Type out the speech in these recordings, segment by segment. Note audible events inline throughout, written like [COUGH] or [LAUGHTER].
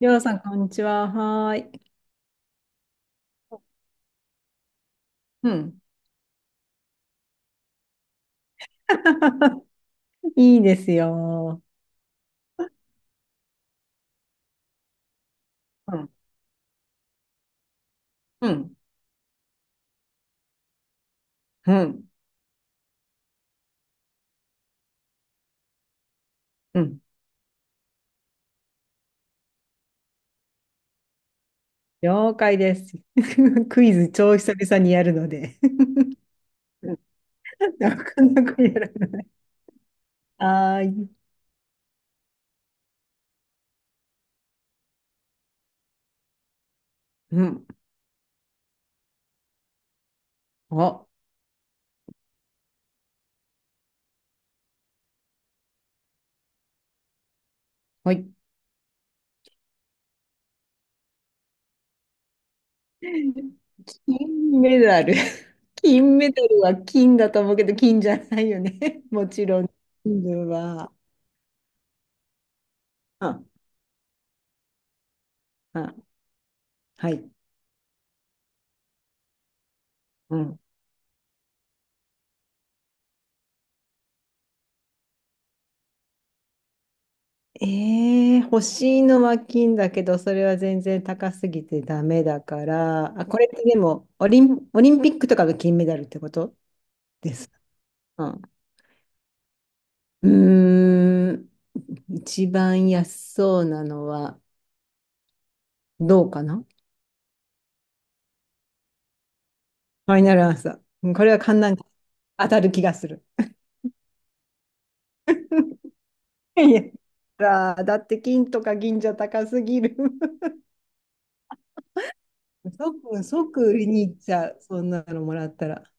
りょうさん、こんにちは。はーい。うん。[LAUGHS] いいですよ。うん、うん、うん、うん。了解です。[LAUGHS] クイズ超久々にやるので。[LAUGHS] うん。なかなかやらない。はーい。うん。あ、はい。金メダル。金メダルは金だと思うけど、金じゃないよね。[LAUGHS] もちろん、金は。あ、あ、うん。はい。うん。欲しいのは金だけど、それは全然高すぎてダメだから、あ、これってでも、オリンピックとかの金メダルってことですか？うん。うーん、一番安そうなのは、どうかな。ファイナルアンサー。これは簡単、当たる気がする。[LAUGHS] いや、だって金とか銀じゃ高すぎる。[LAUGHS] 即売りに行っちゃう、そんなのもらったら。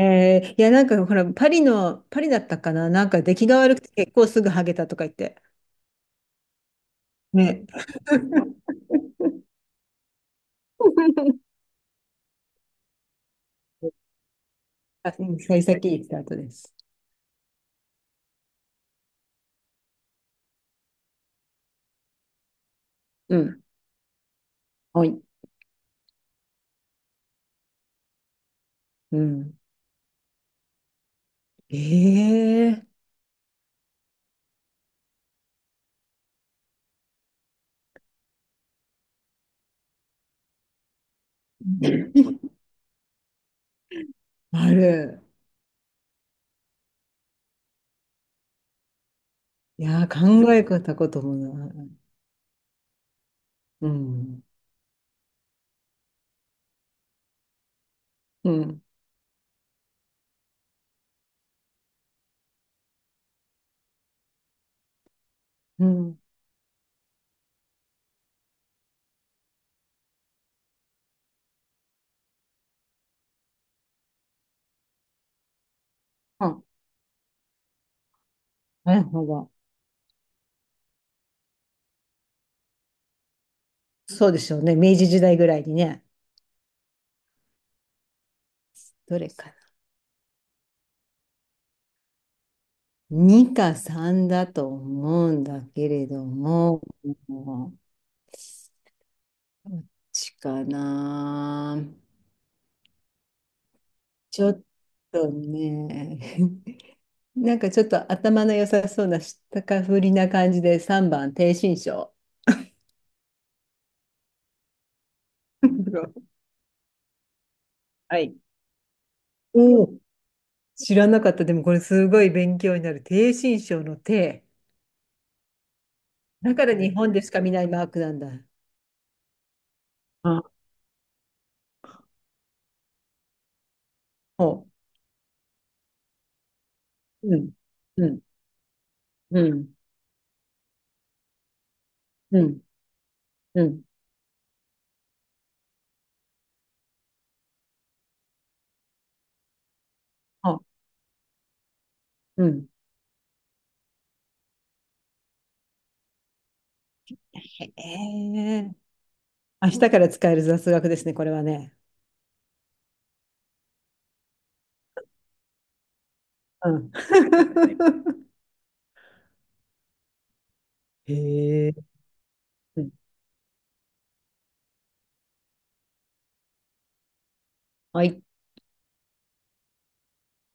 いや、なんかほら、パリだったかな、なんか出来が悪くて結構すぐハゲたとか言って。ね。[LAUGHS] あ、うん、幸先いいスタートです。うん。はい。うん。ええー。ある。いやー、考えたこともない。うん。うん。うん。あ、なるほど。そうでしょうね。明治時代ぐらいにね。どれかな。2かさんだと思うんだけれども、どっちかな。ちょっとね、[LAUGHS] なんかちょっと頭の良さそうなしたかふりな感じで3番、低身長。[LAUGHS] はい。おお、知らなかった。でもこれすごい勉強になる。低身長の低。だから日本でしか見ないマークなんだ。あ、ほう。うん。うん。うん。うん。うん。ほう。うん。へえ。明日から使える雑学ですね、これはね。うん。[LAUGHS] へえ。うん。はい、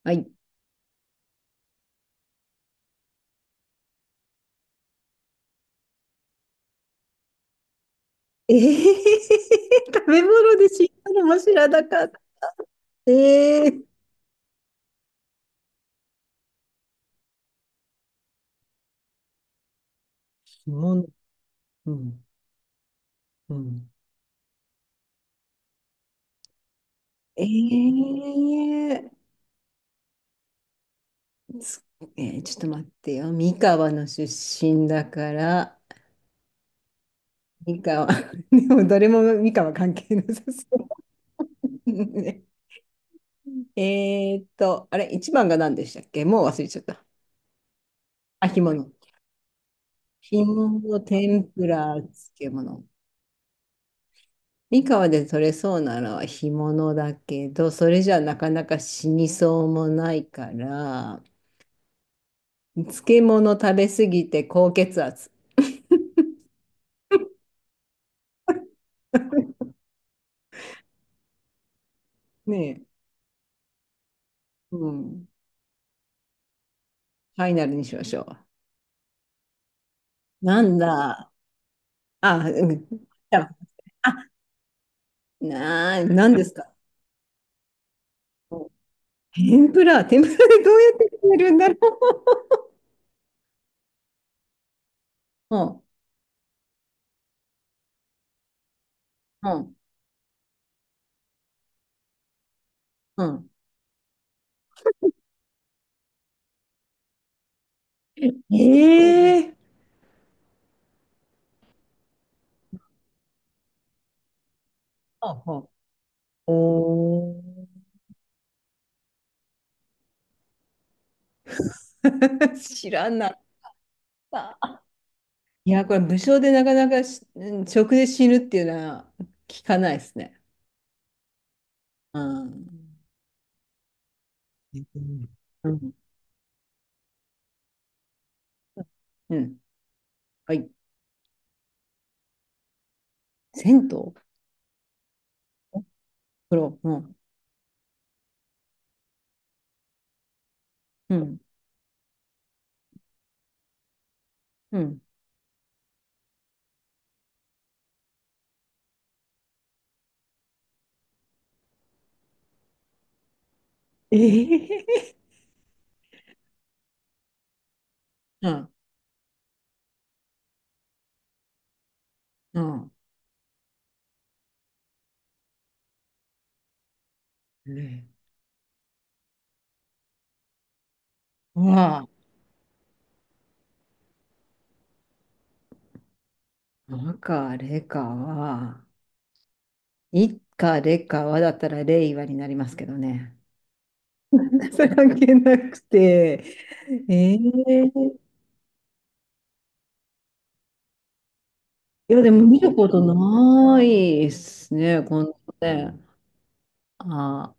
はい。え[LAUGHS] 食べ物で死んだのも知らなかった。ええ。物、うん、うん。ええつえーちょっと待ってよ。三河の出身だから、三河。[LAUGHS] でも、どれも三河関係なさそうね。[LAUGHS] あれ、一番が何でしたっけ、もう忘れちゃった。あ、干物。干物、天ぷら、漬物。三河で取れそうなのは干物だけど、それじゃなかなか死にそうもないから、漬物食べすぎて高血圧。[LAUGHS] ねえ、うん。ファイナルにしましょう。なんだ。あ、うん。あ、なんですか？天ぷらでどうやって食べるんだろう？[LAUGHS] うん、うん、うん。ええー。ほうほう。おー。 [LAUGHS] 知らなかった。いや、これ無償でなかなか食で死ぬっていうのは聞かないですね。うん。うん。うん。はい。銭湯。風呂。うん。うん。うん。ええ。うん。うん。ね。うわあ、なんか、レカは、いっか、レカはだったらレイ和になりますけどね。[LAUGHS] それ関係なくて、いや、でも見ることないですね、このね。あ、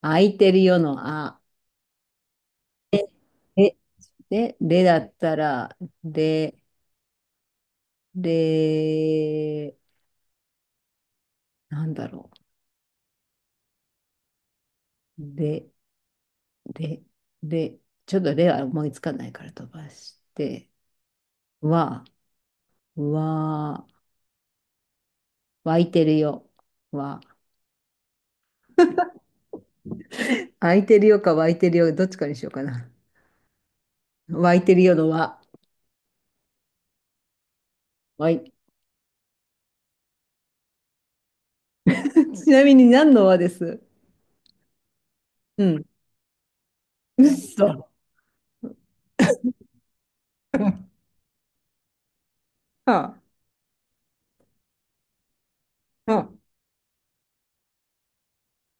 空いてるよの、あ。で、えでだったら、で、で、なんだろう。で、で、で、ちょっとでは思いつかないから飛ばして、わ、わ、湧いてるよ。わ。湧いてるよか湧いてるよ、どっちかにしようかな。湧いてるよのわ。わい。[LAUGHS] ちなみに何のわです？うん。うっそ。はあ、は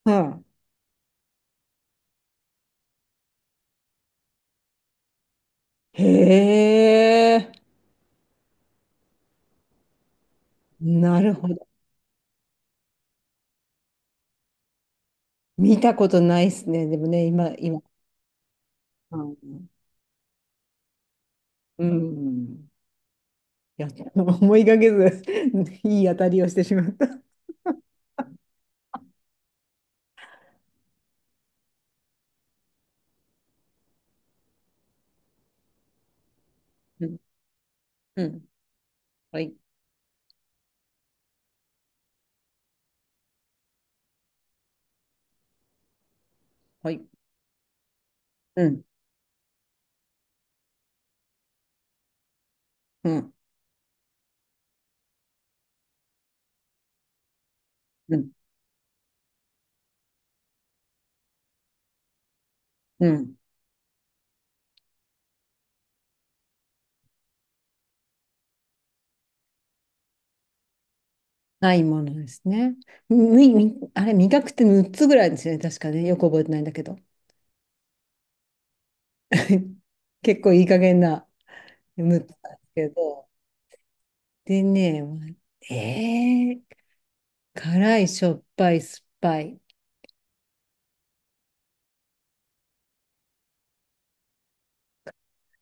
あ、はあ。へえ、なるほど。見たことないですね。でもね、今、今、うん、いや思いがけず [LAUGHS] いい当たりをしてしまった。うん、うん、はい、はい、うん、うん、うん、うん。ないものですね。み、あれ、味覚って6つぐらいですよね、確かね。よく覚えてないんだけど。[LAUGHS] 結構いい加減な。6つなんですけど。でね、えー、辛い、しょっぱい、酸っぱい、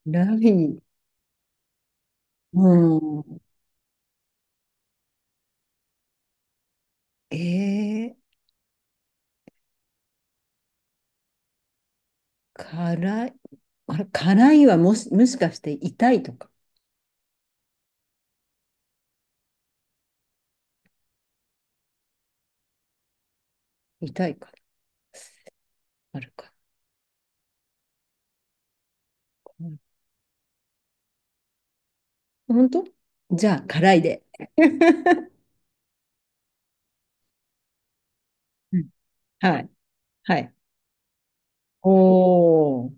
ライン、うん、えー、辛い、あれ、辛いは、もしかして痛いとか、痛いか、あるか。本当。じゃあ、辛いで。[LAUGHS] うん。はい。はい。おー、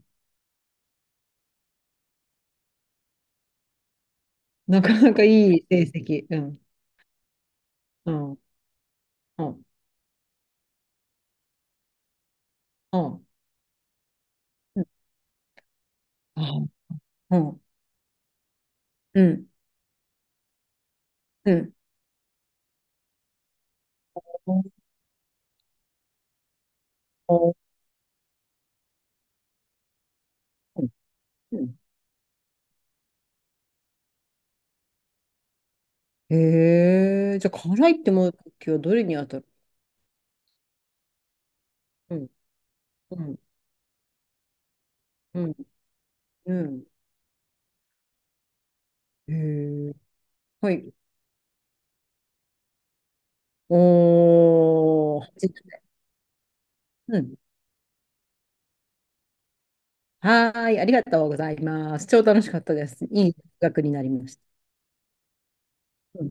なかなかいい成績。うん。うん。うん。うん。うん。あ、うん。うん。うん。おー。うん。へえ、じゃあ、辛いって思う時はどれに当たる？うん。うん。うん。うん。へえ。はい。おー。うん。はーい、ありがとうございます。超楽しかったです。いい学になりました。うん